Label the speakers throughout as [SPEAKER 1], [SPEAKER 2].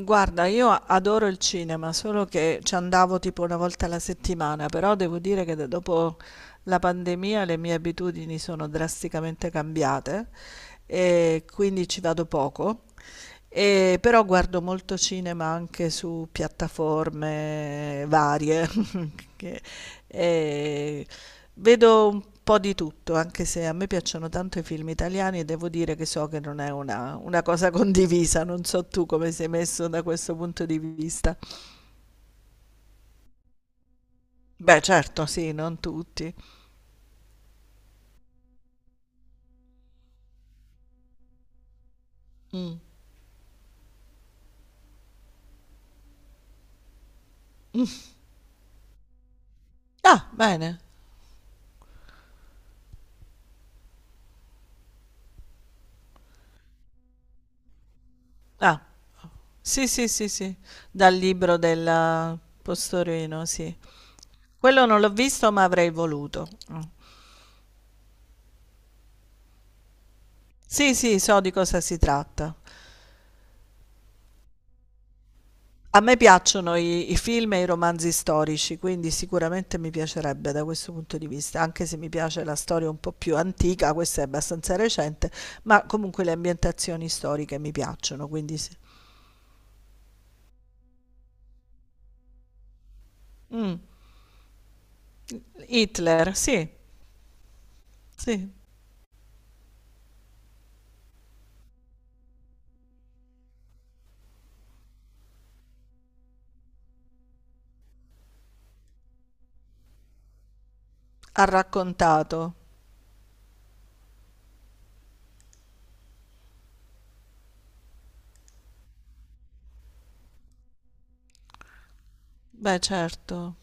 [SPEAKER 1] Guarda, io adoro il cinema, solo che ci andavo tipo una volta alla settimana, però devo dire che dopo la pandemia le mie abitudini sono drasticamente cambiate e quindi ci vado poco. E però guardo molto cinema anche su piattaforme varie, che- e vedo un po' di tutto, anche se a me piacciono tanto i film italiani e devo dire che so che non è una cosa condivisa, non so tu come sei messo da questo punto di vista. Beh, certo, sì, non tutti. Mm. Ah, bene. Ah, sì, sì, sì, sì, dal libro del Postorino, sì. Quello non l'ho visto, ma avrei voluto. Mm. Sì, sì, so di cosa si tratta. A me piacciono i film e i romanzi storici, quindi sicuramente mi piacerebbe da questo punto di vista, anche se mi piace la storia un po' più antica, questa è abbastanza recente, ma comunque le ambientazioni storiche mi piacciono, quindi sì. Mm. Hitler, sì, sì, ha raccontato. Beh, certo,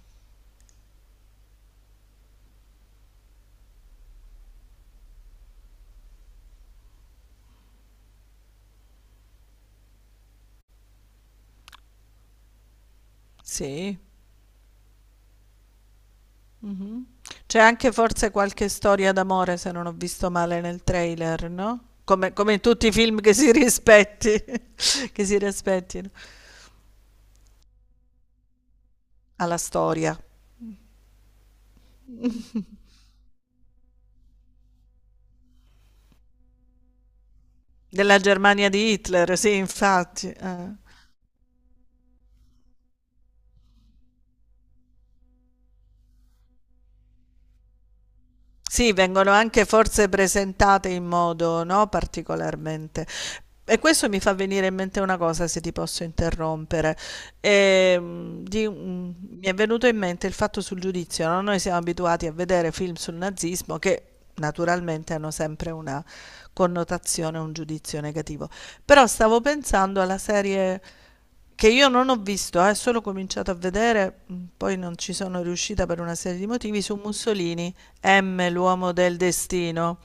[SPEAKER 1] sì. Mh-mh. C'è anche forse qualche storia d'amore, se non ho visto male nel trailer, no, come in tutti i film che si rispetti che si rispettino. Ha la storia della Germania di Hitler, sì infatti, eh. Sì, vengono anche forse presentate in modo, no, particolarmente. E questo mi fa venire in mente una cosa, se ti posso interrompere. Ehm, di un- Mi è venuto in mente il fatto sul giudizio, no? Noi siamo abituati a vedere film sul nazismo che naturalmente hanno sempre una connotazione, un giudizio negativo. Però stavo pensando alla serie che io non ho visto, solo cominciato a vedere, poi non ci sono riuscita per una serie di motivi, su Mussolini, M, l'uomo del destino,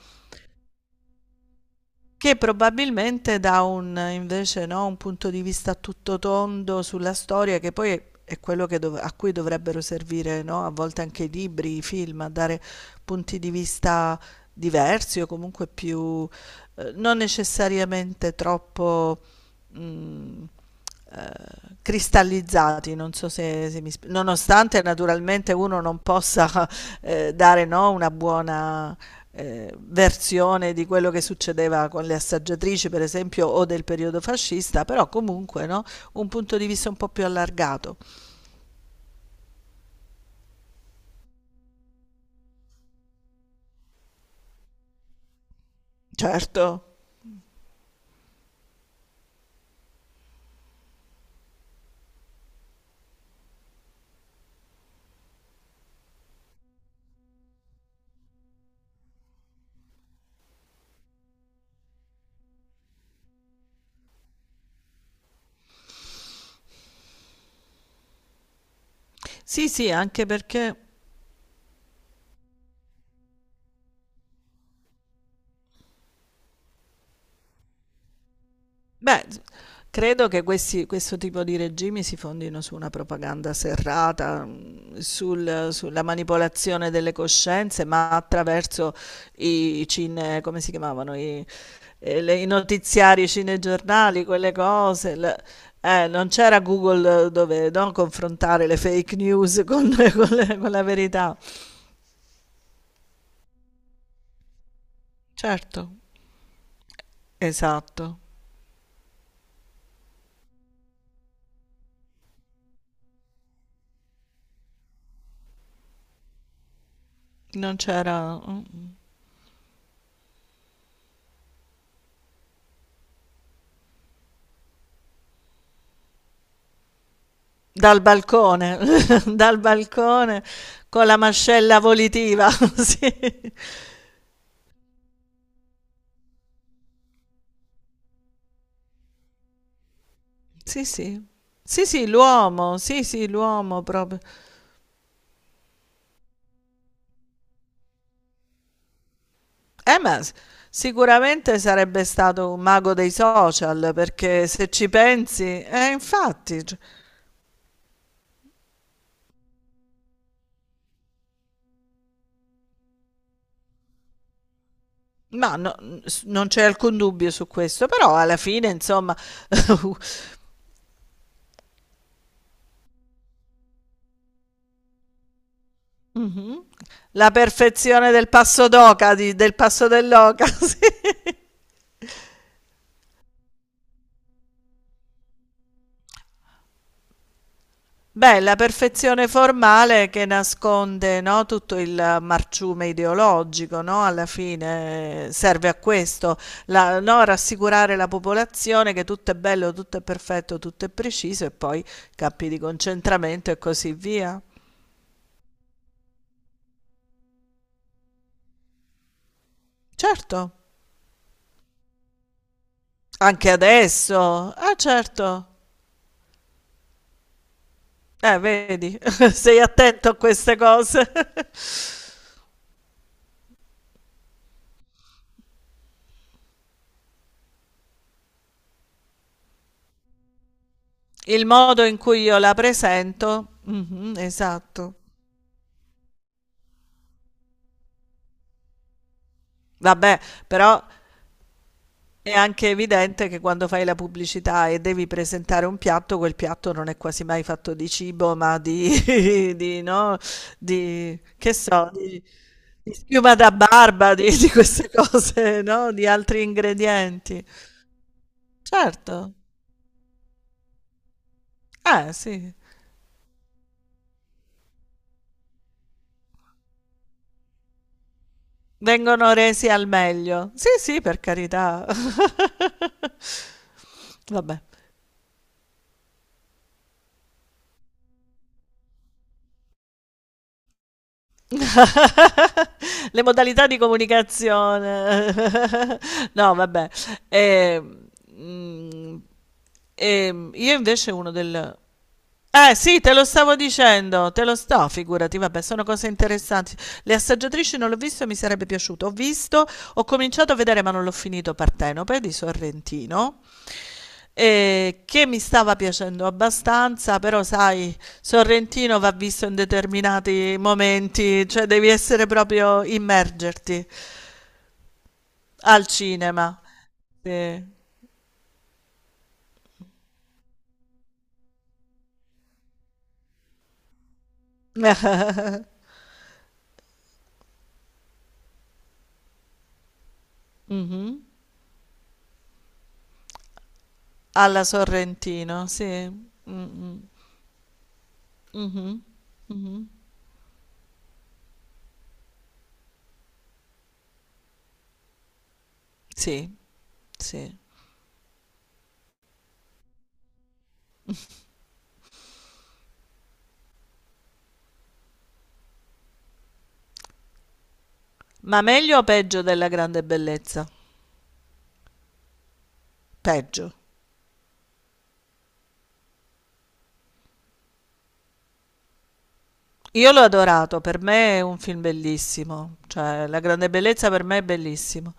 [SPEAKER 1] che probabilmente dà un, invece, no, un punto di vista tutto tondo sulla storia, che poi è quello che a cui dovrebbero servire, no, a volte anche i libri, i film, a dare punti di vista diversi o comunque più, non necessariamente troppo Mhmm, cristallizzati, non so se mi sp nonostante naturalmente uno non possa, dare, no, una buona, versione di quello che succedeva con le assaggiatrici, per esempio, o del periodo fascista, però comunque, no, un punto di vista un po' più allargato. Certo. Sì, sì, anche perché beh, credo che questo tipo di regimi si fondino su una propaganda serrata, sulla manipolazione delle coscienze, ma attraverso i cine, come si chiamavano, i, i notiziari, i cinegiornali, quelle cose. Non c'era Google dove no, confrontare le fake news con, con con la verità. Certo, esatto. Non c'era. Dal balcone, dal balcone con la mascella volitiva. Sì, sì, sì. Sì, sì, l'uomo proprio. Eh, ma s- Sicuramente sarebbe stato un mago dei social, perché se ci pensi, infatti, non c'è alcun dubbio su questo, però alla fine, insomma, mhm, la perfezione del passo d'oca, del passo dell'oca, sì. Beh, la perfezione formale che nasconde, no, tutto il marciume ideologico, no, alla fine serve a questo, no, rassicurare la popolazione che tutto è bello, tutto è perfetto, tutto è preciso e poi campi di concentramento e così via. Certo, anche adesso. Ah, certo. Vedi, sei attento a queste cose. Il modo in cui io la presento, mhm, esatto. Vabbè, però è anche evidente che quando fai la pubblicità e devi presentare un piatto, quel piatto non è quasi mai fatto di cibo, ma di, di, no, di che so, di, schiuma da barba, di queste cose, no? Di altri ingredienti. Certo, eh sì, vengono resi al meglio. Sì, sì, per carità. Vabbè. Le modalità di comunicazione. No, vabbè. Ehm, mhmm, io invece uno del eh sì, te lo stavo dicendo, figurati, vabbè, sono cose interessanti. Le assaggiatrici non l'ho visto, mi sarebbe piaciuto. Ho visto, ho cominciato a vedere, ma non l'ho finito, Partenope di Sorrentino, che mi stava piacendo abbastanza, però sai, Sorrentino va visto in determinati momenti, cioè devi essere proprio immergerti al cinema. Sì. Mhm. Alla Sorrentino, sì. Mm, mm. Mhm, mhm. Sì. Sì. Ma meglio o peggio della grande bellezza? Peggio. Io l'ho adorato, per me è un film bellissimo, cioè La grande bellezza per me è bellissimo.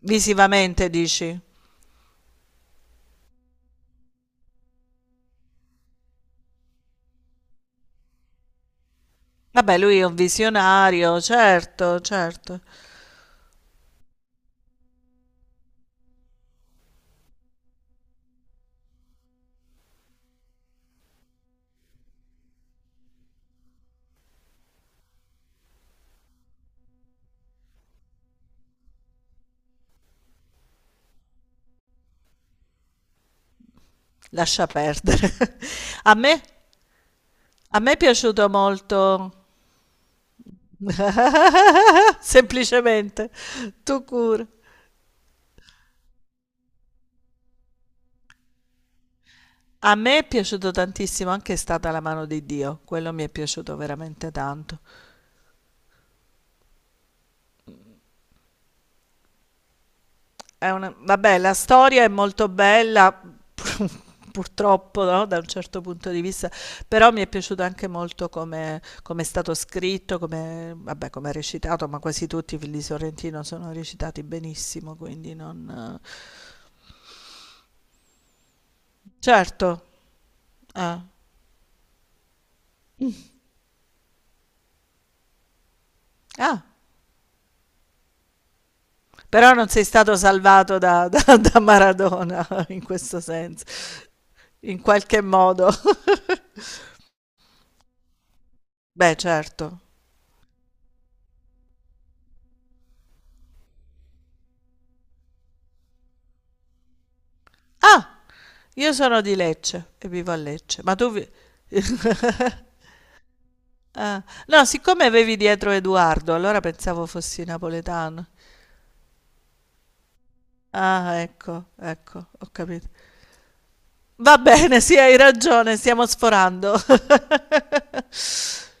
[SPEAKER 1] Visivamente dici? Vabbè, lui è un visionario, certo, certo. Lascia perdere. A me, a me è piaciuto molto, semplicemente, tu cura. A me è piaciuto tantissimo anche È stata la mano di Dio, quello mi è piaciuto veramente tanto. È una vabbè, la storia è molto bella, purtroppo, no, da un certo punto di vista, però mi è piaciuto anche molto come è stato scritto, come vabbè, come è recitato, ma quasi tutti i film di Sorrentino sono recitati benissimo, quindi non. Certo, eh. Ah, però non sei stato salvato da da Maradona in questo senso, in qualche modo. Beh, certo. Ah, io sono di Lecce e vivo a Lecce, ma tu vi ah, no, siccome avevi dietro Edoardo, allora pensavo fossi napoletano. Ah, ecco, ecco, ho capito. Va bene, sì, hai ragione, stiamo sforando.